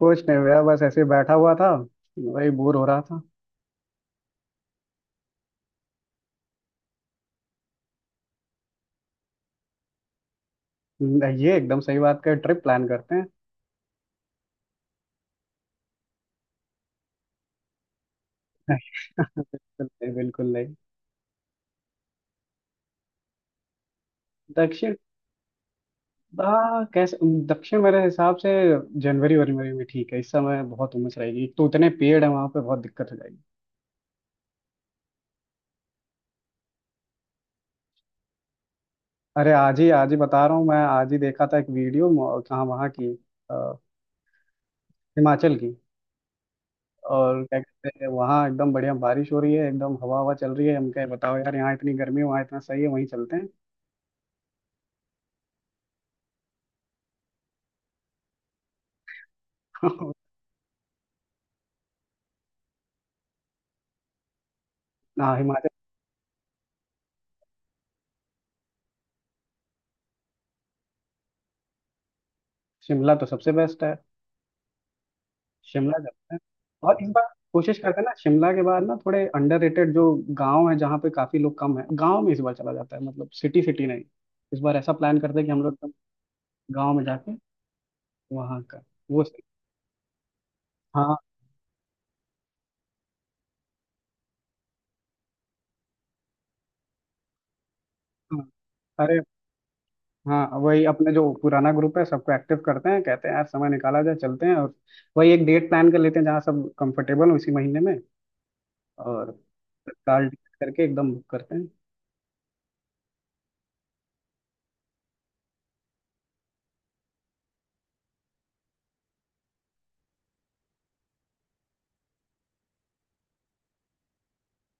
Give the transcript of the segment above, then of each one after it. कुछ नहीं भैया, बस ऐसे ही बैठा हुआ था। वही बोर हो रहा था। ये एकदम सही बात कर, ट्रिप प्लान करते हैं। बिल्कुल नहीं, बिल्कुल नहीं। दक्षिण। हाँ, कैसे? दक्षिण मेरे हिसाब से जनवरी वरी में ठीक है। इस समय बहुत उमस रहेगी, एक तो उतने पेड़ हैं वहाँ पे, बहुत दिक्कत हो जाएगी। अरे आज ही, आज ही बता रहा हूँ मैं, आज ही देखा था एक वीडियो कहाँ वहाँ की। अ, हिमाचल की। और क्या कहते हैं, वहाँ एकदम बढ़िया बारिश हो रही है, एकदम हवा हवा चल रही है। हम कहे बताओ यार, यहाँ इतनी गर्मी है वहाँ इतना सही है, वहीं चलते हैं। हाँ, हिमाचल। शिमला तो सबसे बेस्ट है। शिमला जाते हैं। और इस बार कोशिश करते हैं ना शिमला के बाद ना, थोड़े अंडररेटेड जो गांव है जहाँ पे काफी लोग कम है, गांव में इस बार चला जाता है, मतलब सिटी सिटी नहीं। इस बार ऐसा प्लान करते हैं कि हम लोग एकदम गांव में जाके वहाँ का। वो सही। हाँ हाँ। अरे हाँ, वही अपने जो पुराना ग्रुप है सबको एक्टिव करते हैं, कहते हैं यार समय निकाला जाए, चलते हैं, और वही एक डेट प्लान कर लेते हैं जहाँ सब कंफर्टेबल हो, इसी महीने में। और तत्काल करके एकदम बुक करते हैं।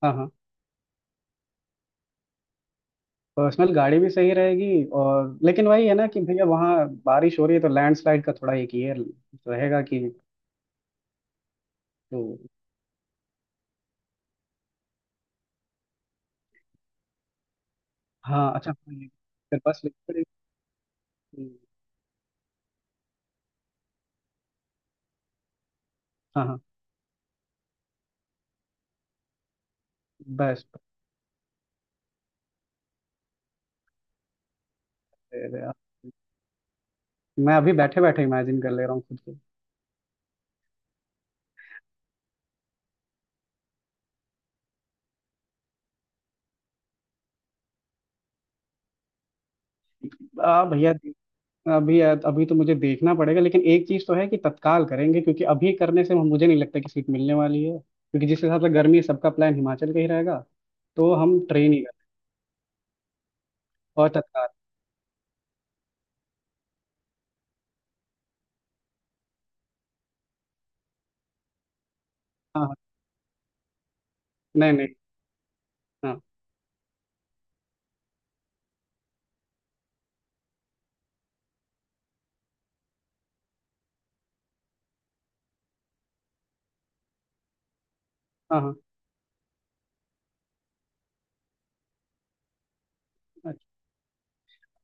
हाँ हाँ। पर्सनल गाड़ी भी सही रहेगी, और लेकिन वही है ना कि भैया वहाँ बारिश हो रही है तो लैंडस्लाइड का थोड़ा एक ये रहेगा कि। तो हाँ, अच्छा, फिर बस लेनी पड़ेगी। हाँ हाँ। बस। मैं अभी बैठे बैठे इमेजिन कर ले रहा हूँ खुद को आ भैया। अभी अभी तो मुझे देखना पड़ेगा, लेकिन एक चीज तो है कि तत्काल करेंगे, क्योंकि अभी करने से मुझे नहीं लगता कि सीट मिलने वाली है, क्योंकि जिस हिसाब से गर्मी है सबका प्लान हिमाचल का ही रहेगा। तो हम ट्रेन ही करें, और तत्काल। हाँ हाँ। नहीं नहीं। हाँ हाँ हाँ।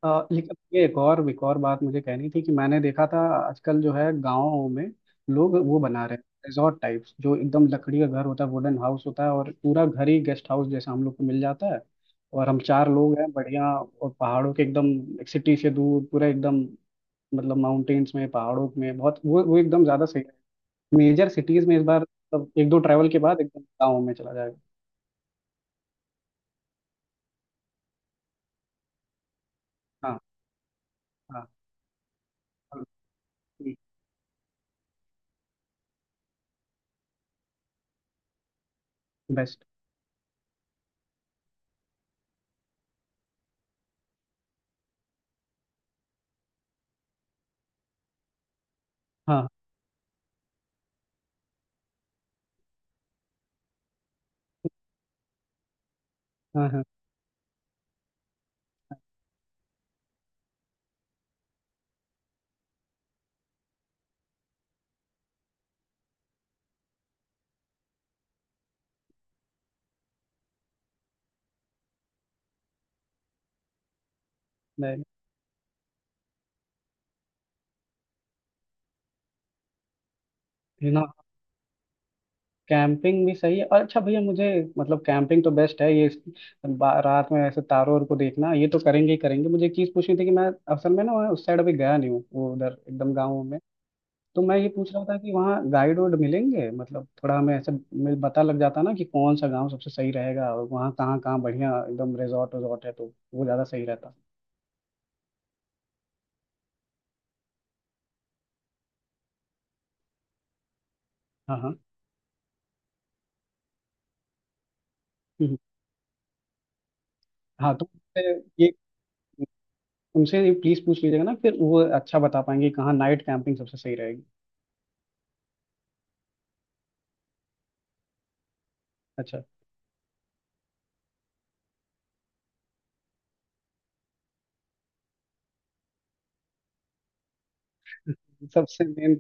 लेकिन ये एक और बात मुझे कहनी थी कि मैंने देखा था आजकल जो है, गाँव में लोग वो बना रहे हैं रिजॉर्ट टाइप्स, जो एकदम लकड़ी का घर होता है, वुडन हाउस होता है, और पूरा घर ही गेस्ट हाउस जैसा हम लोग को मिल जाता है। और हम चार लोग हैं, बढ़िया, और पहाड़ों के एकदम एक सिटी से दूर, पूरा एकदम, मतलब माउंटेन्स में, पहाड़ों में, बहुत वो एकदम ज्यादा सही है। मेजर सिटीज में इस बार मतलब, एक दो ट्रैवल के बाद एकदम गाँव में चला जाएगा। हाँ हाँ, बेस्ट। हाँ, best। हाँ हाँ हाँ, हाँ, नहीं, ना। कैंपिंग भी सही है। और अच्छा भैया मुझे, मतलब कैंपिंग तो बेस्ट है ये। रात में ऐसे तारों और को देखना, ये तो करेंगे ही करेंगे। मुझे एक चीज़ पूछनी थी कि मैं असल में ना वहाँ उस साइड अभी गया नहीं हूँ, वो उधर एकदम गाँव में। तो मैं ये पूछ रहा था कि वहाँ गाइड वाइड मिलेंगे, मतलब थोड़ा हमें ऐसे पता लग जाता ना कि कौन सा गाँव सबसे सही रहेगा, और वहाँ कहाँ कहाँ बढ़िया एकदम रिजॉर्ट वजॉर्ट है, तो वो ज़्यादा सही रहता। हाँ हाँ। हम्म, हाँ, तो उनसे ये। उनसे ये प्लीज़ पूछ लीजिएगा ना, फिर वो अच्छा बता पाएंगे कि कहाँ नाइट कैंपिंग सबसे सही रहेगी। अच्छा। सबसे मेन,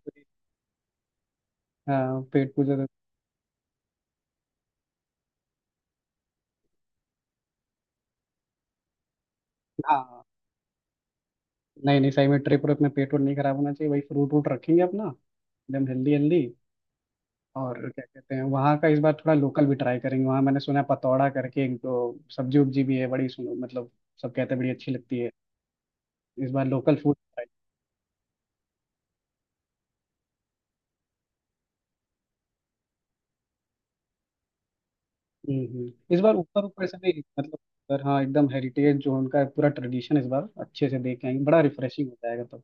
हाँ, हाँ, नहीं नहीं, सही में ट्रिप पर अपना पेट और नहीं खराब होना चाहिए, वही फ्रूट वूट रखेंगे अपना, एकदम हेल्दी हेल्दी। और क्या कहते हैं, वहाँ का इस बार थोड़ा लोकल भी ट्राई करेंगे। वहाँ मैंने सुना है पतौड़ा करके एक तो सब्जी उब्जी भी है, बड़ी, सुनो, मतलब सब कहते हैं बड़ी अच्छी लगती है। इस बार लोकल फूड ट्राई। इस बार ऊपर ऊपर से नहीं, मतलब पर हाँ, एकदम हेरिटेज जो उनका है, पूरा ट्रेडिशन, इस बार अच्छे से देख के आएंगे, बड़ा रिफ्रेशिंग हो जाएगा तब।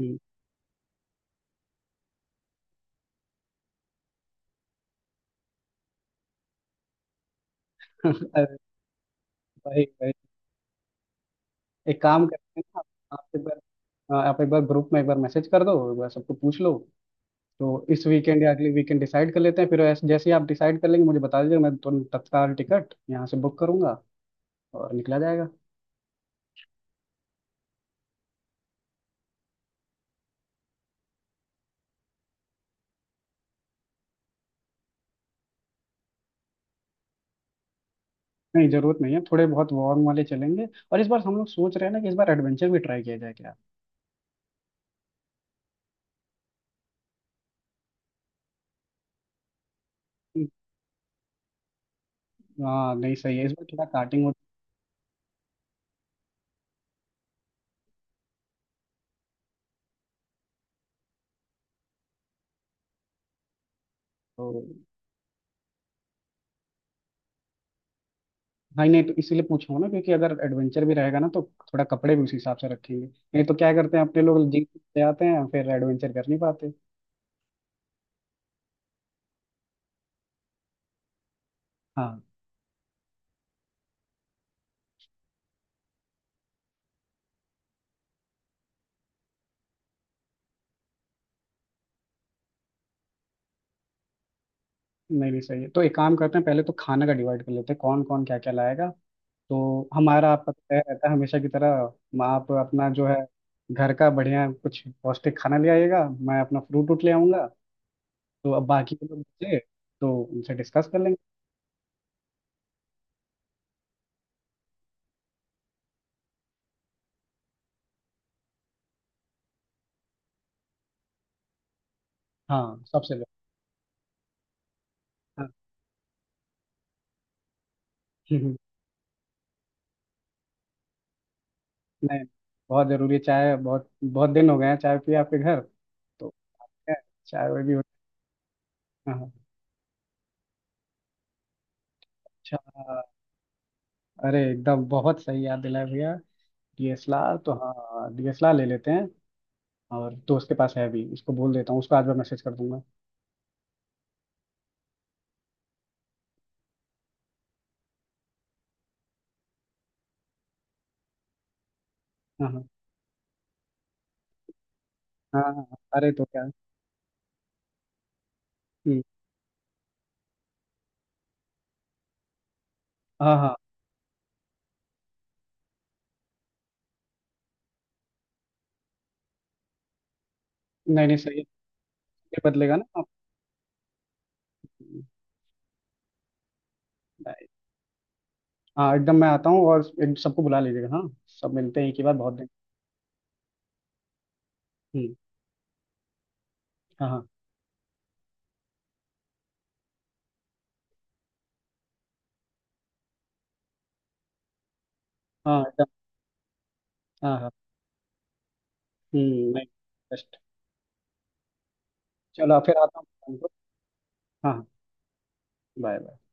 हम्म। अरे भाई, भाई, एक काम करते हैं ना, आप एक बार, हाँ, आप एक बार ग्रुप में एक बार मैसेज कर दो, एक बार सबको पूछ लो, तो इस वीकेंड या अगले वीकेंड डिसाइड कर लेते हैं। फिर जैसे ही आप डिसाइड कर लेंगे, मुझे बता दीजिएगा, मैं तुरंत तत्काल टिकट यहाँ से बुक करूंगा और निकला जाएगा। नहीं, जरूरत नहीं है, थोड़े बहुत वार्म वाले चलेंगे। और इस बार हम लोग सोच रहे हैं ना कि इस बार एडवेंचर भी ट्राई किया जाए क्या। हम्म, हाँ, नहीं, सही है, इस बार थोड़ा कार्टिंग हो तो। नहीं नहीं, तो इसीलिए पूछा हूं ना, क्योंकि अगर एडवेंचर भी रहेगा ना तो थोड़ा कपड़े भी उस हिसाब से रखेंगे, नहीं तो क्या करते हैं, अपने लोग जीप से आते हैं फिर एडवेंचर कर नहीं पाते। हाँ। नहीं नहीं सही है, तो एक काम करते हैं, पहले तो खाना का डिवाइड कर लेते हैं, कौन कौन क्या क्या लाएगा। तो हमारा आपका तो तय रहता है हमेशा की तरह, आप अपना जो है घर का बढ़िया कुछ पौष्टिक खाना ले आइएगा, मैं अपना फ्रूट उट ले आऊंगा। तो अब बाकी के लोग बचे, तो उनसे डिस्कस कर लेंगे। हाँ, सबसे बेस्ट। हाँ। नहीं, बहुत ज़रूरी है चाय, बहुत बहुत दिन हो गए हैं चाय पिए आपके घर, तो क्या, चाय वाय भी हो। हाँ हाँ। अच्छा, अरे एकदम बहुत सही याद दिलाया भैया, डीएसएलआर तो, हाँ डीएसएलआर ले लेते हैं, और दोस्त के पास है भी, उसको बोल देता हूँ, उसको आज मैं मैसेज कर दूंगा। हाँ हाँ हाँ, हाँ हाँ, अरे तो क्या। हम्म, हाँ हाँ। नहीं नहीं सही है। ये बदलेगा ना आप? right। हाँ एकदम, मैं आता हूँ, और सबको बुला लीजिएगा, हाँ, सब मिलते हैं एक ही बार, बहुत दिन। हम्म। हाँ हाँ। हाँ एकदम। हाँ हाँ। हम्म, नहीं, बेस्ट। चलो फिर आता हूँ शाम को। हाँ हाँ। बाय।